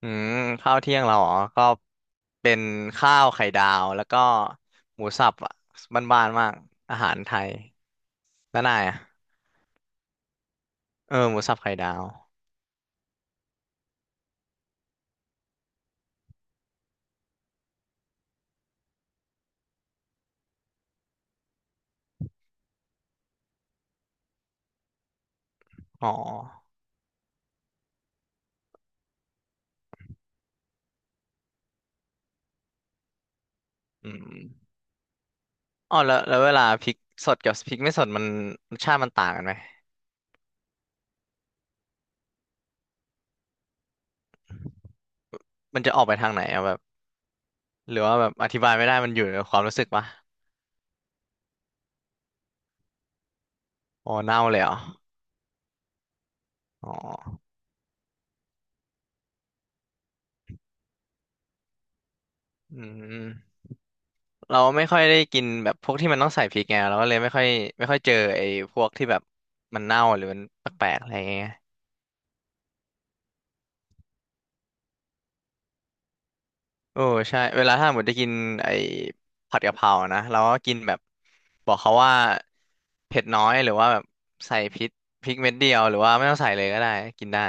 อืมข้าวเที่ยงเราอ๋อก็เป็นข้าวไข่ดาวแล้วก็หมูสับอ่ะบ้านๆมากอาหารไทยแล้วนายอ่ะเออหมูสับไข่ดาวอ๋ออืมอ๋อแล้วเวลาพริกสดกับพริกไม่สดมันรสชาติมันต่างกันไหมมันจะออกไปทางไหนอ่ะแบบหรือว่าแบบอธิบายไม่ได้มันอยู่ในความรู้สึกปะอ๋อเน่าเลยเหรออ๋ออืม เราไม่ค่อยได้กินแบบพวกที่มันต้องใส่พริกไงเราก็เลยไม่ค่อยเจอไอ้พวกที่แบบมันเน่าหรือมันแปลกๆอะไรอย่างเงี้ยโอ้ใช่เวลาถ้าหมดได้กินไอ้ผัดกะเพรานะเราก็กินแบบบอกเขาว่าเผ็ดน้อยหรือว่าแบบใส่พริกพริกเม็ดเดียวหรือว่าไม่ต้องใส่เลยก็ได้กินได้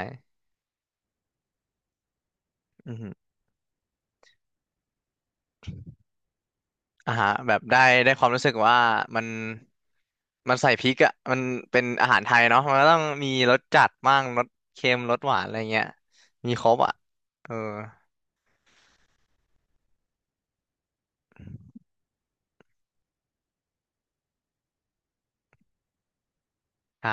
อือฮึอ่าฮะแบบได้ได้ความรู้สึกว่ามันมันใส่พริกอ่ะมันเป็นอาหารไทยเนาะมันก็ต้องมีรสจัดบ้างรสเค็มรสหวานอะไรเงี้ยมีครบอ่ะเออ ใช่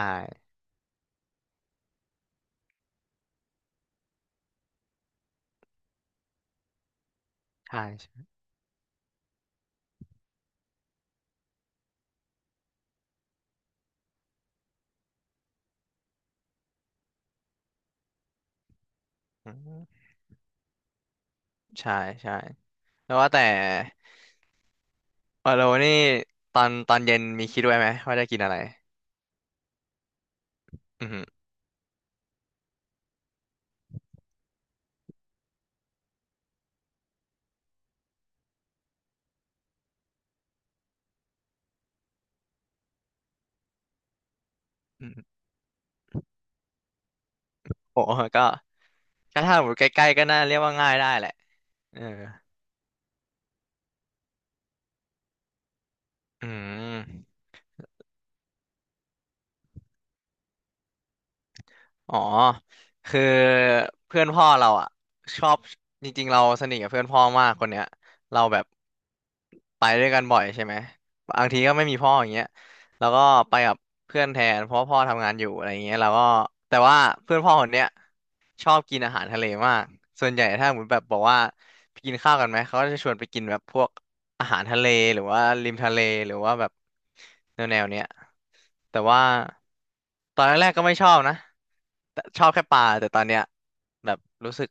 ใช่ใช่อืมใช่ใช่แล้วว่าแต่วาโานี่ตอนเย็นมีคิดไว้ไหมว่าจะกินอะไรอืมอหืออืมโอ้ก็ก็ถ้าหมดใกล้ๆก็น่าเรียกว่าง่ายได้แหละเอออืม อ๋อคือเพื่อนพ่อเราอ่ะชอบจริงๆเราสนิทกับเพื่อนพ่อมากคนเนี้ยเราแบบไปด้วยกันบ่อยใช่ไหมบางทีก็ไม่มีพ่ออย่างเงี้ยแล้วก็ไปกับเพื่อนแทนเพราะว่าพ่อทำงานอยู่อะไรเงี้ยเราก็แต่ว่าเพื่อนพ่อคนเนี้ยชอบกินอาหารทะเลมากส่วนใหญ่ถ้าเหมือนแบบบอกว่าไปกินข้าวกันไหมเขาก็จะชวนไปกินแบบพวก อาหารทะเลหรือว่าริมทะเลหรือว่าแบบแนวแนวเนี้ยแต่ว่าตอนแรกๆก็ไม่ชอบนะแต่ชอบแค่ปลาแต่ตอนเนี้ยแบบรู้สึก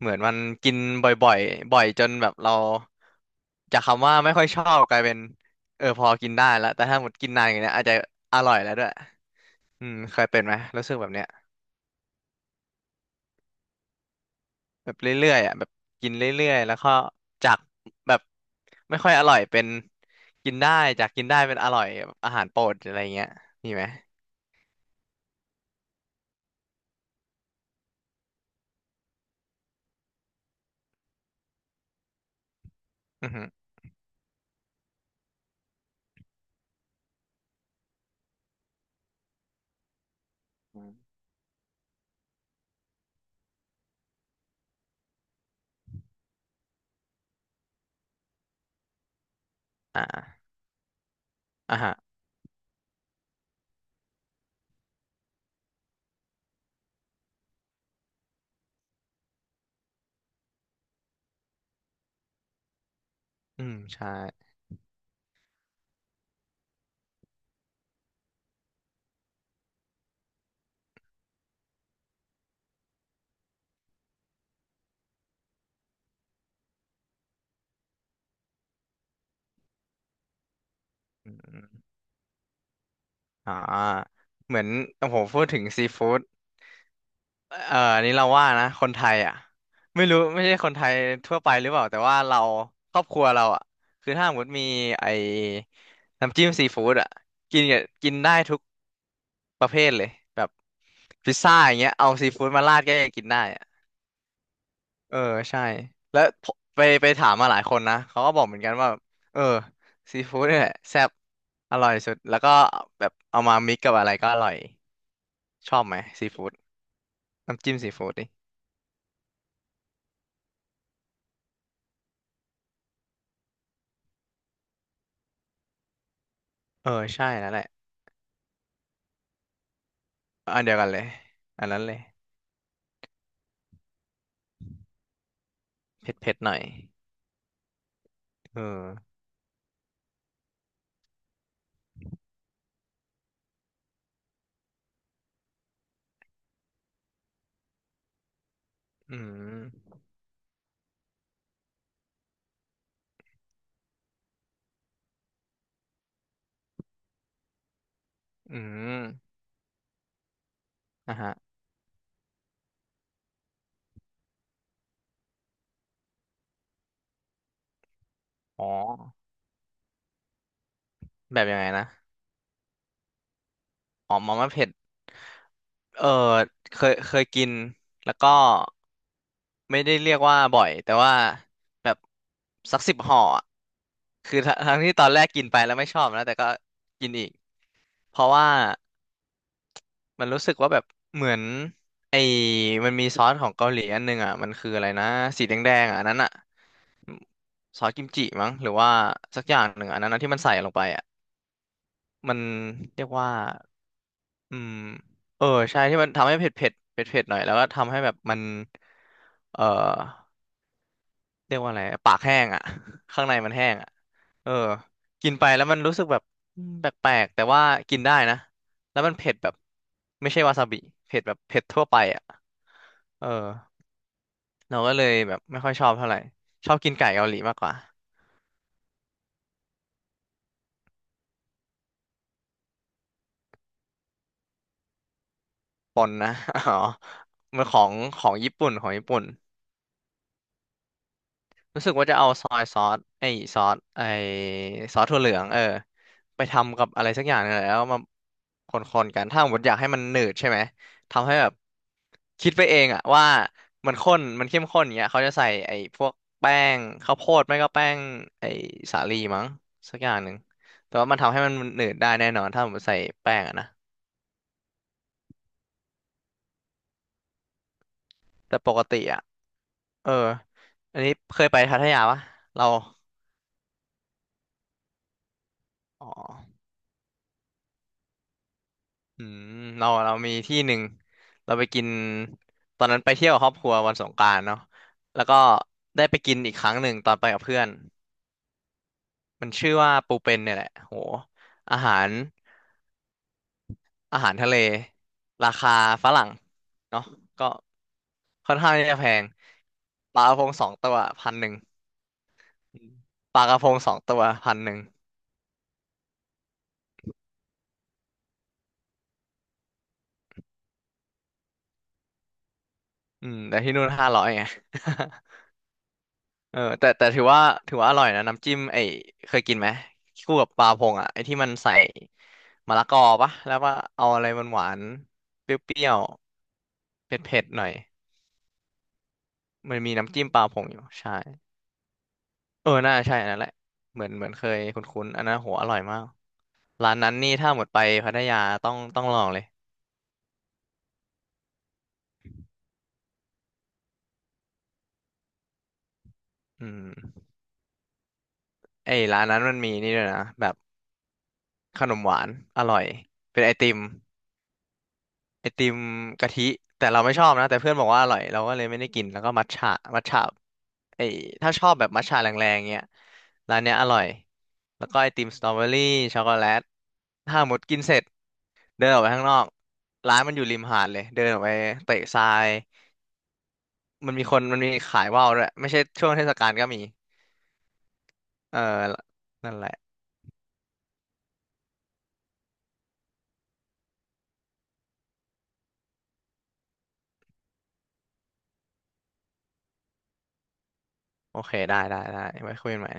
เหมือนมันกินบ่อยๆบ่อยจนแบบเราจากคำว่าไม่ค่อยชอบกลายเป็นเออพอกินได้แล้วแต่ถ้าหมดกินนานอย่างเงี้ยอาจจะอร่อยแล้วด้วยอืมเคยเป็นไหมรู้สึกแบบเนี้ย แบบเรื่อยๆอ่ะแบบกินเรื่อยๆ แล้วก็จากแบบไม่ค่อยอร่อยเป็นกินได้จากกินได้เป็นอร่อยแบบอาหารโปรดอะไรเงี้ยมีไหมอือฮึอมอ่าอ่าฮะอืมใช่อืมอมอ่าเหมือนโอ้โหพูดถึงซีฟู้ด อันนี้เราว่านะคนไทยอ่ะไม่รู้ไม่ใช่คนไทยทั่วไปหรือเปล่าแต่ว่าเราครอบครัวเราอ่ะคือถ้าสมมติมีไอ้น้ำจิ้มซีฟู้ดอ่ะกินกับกินได้ทุกประเภทเลยแบบพิซซ่าอย่างเงี้ยเอาซีฟู้ดมาราดก็ยังกินได้อ่ะเออใช่แล้วผมไปถามมาหลายคนนะเขาก็บอกเหมือนกันว่าเออซีฟู้ดเนี่ยแหละแซ่บอร่อยสุดแล้วก็แบบเอามามิกกับอะไรก็อร่อยชอบไหมซีฟู้ดน้ำจิ้มซีฟู้ดดิเออใช่แล้วแหละ อันเดียวกันเลยอันนั้นเลยเผ็ดเผ็ดหน่อยเอออืมอืมนะฮะอ๋อแบบยังไงนะอ๋อมาม่าเผ็ดเออเคยเคยกินแล้วก็ไม่ได้เรียกว่าบ่อยแต่ว่าแบบสัก10ห่ออะคือทั้งที่ตอนแรกกินไปแล้วไม่ชอบนะแต่ก็กินอีกเพราะว่ามันรู้สึกว่าแบบเหมือนไอ้มันมีซอสของเกาหลีอันนึงอ่ะมันคืออะไรนะสีแดงๆอ่ะอันนั้นอ่ะ ซอสกิมจิมั้งหรือว่าสักอย่างหนึ่งอันนั้นนะที่มันใส่ลงไปอ่ะมันเรียกว่าอืมเออใช่ที่มันทำให้เผ็ดเผ็ดเผ็ดเผ็ดหน่อยแล้วก็ทำให้แบบมันเออเรียกว่าอะไรปากแห้งอ่ะ ข้างในมันแห้งอ่ะเออกินไปแล้วมันรู้สึกแบบอืมแปลกๆแต่ว่ากินได้นะแล้วมันเผ็ดแบบไม่ใช่วาซาบิเผ็ดแบบเผ็ดทั่วไปอ่ะเออเราก็เลยแบบไม่ค่อยชอบเท่าไหร่ชอบกินไก่เกาหลีมากกว่า ปนนะ อ๋อมันของของญี่ปุ่นของญี่ปุ่นรู้สึกว่าจะเอาซอยซอสไอ้ซอสไอ้ซอสถั่วเหลืองเออไปทำกับอะไรสักอย่างนึงแหละแล้วมาคนๆกันถ้าสมมติอยากให้มันหนืดใช่ไหมทำให้แบบคิดไปเองอะว่ามันข้นมันเข้มข้นอย่างเงี้ยเขาจะใส่ไอ้พวกแป้งข้าวโพดไม่ก็แป้งไอ้สาลีมั้งสักอย่างหนึ่งแต่ว่ามันทำให้มันหนืดได้แน่นอนถ้าผมติใส่แป้งอะนะ แต่ปกติอ่ะเอออันนี้เคยไปพัทยาปะเราอ๋ออืมเราเรามีที่หนึ่ง เราไปกินตอนนั้นไปเที่ยวกับครอบครัววันสงกรานต์เนาะแล้วก็ได้ไปกินอีกครั้งหนึ่งตอนไปกับเพื่อน มันชื่อว่าปูเป็นเนี่ยแหละ โหอาหารอาหารทะเล ราคาฝรั่ง เนาะก็ค่อนข้างที่จะแพงปลากระพงสองตัวพันหนึ่งปลากระพงสองตัวพันหนึ่งอืมแต่ที่นู่น500ไง เออแต่ถือว่าอร่อยนะน้ำจิ้มไอ้เคยกินไหมคู่กับปลาพงอ่ะไอ้ที่มันใส่มะละกอปะแล้วว่าเอาอะไรหวานหวานเปรี้ยวๆเผ็ดๆหน่อยมันมีน้ำจิ้มปลาพงอยู่ใช่เออน่าใช่อันนั้นแหละเหมือนเคยคุ้นๆอันนั้นโหอร่อยมากร้านนั้นนี่ถ้าหมดไปพัทยาต้องลองเลยอืมไอ้ร้านนั้นมันมีนี่ด้วยนะแบบขนมหวานอร่อยเป็นไอติม ไอติมกะทิแต่เราไม่ชอบนะแต่เพื่อนบอกว่าอร่อยเราก็เลยไม่ได้กินแล้วก็มัทฉะมัทฉะไอถ้าชอบแบบมัทฉะแรงๆเงี้ยร้านเนี้ยอร่อยแล้วก็ไอติมสตรอเบอรี่ช็อกโกแลตถ้าหมดกินเสร็จเดินออกไปข้างนอกร้านมันอยู่ริมหาดเลยเดินออกไปเตะทรายมันมีคนมันมีขายว่าวด้วยไม่ใช่ช่วงเทศกาลก็มีเออนั่นแหละโอเคได้ได้ได้ไว้คุยกันใหม่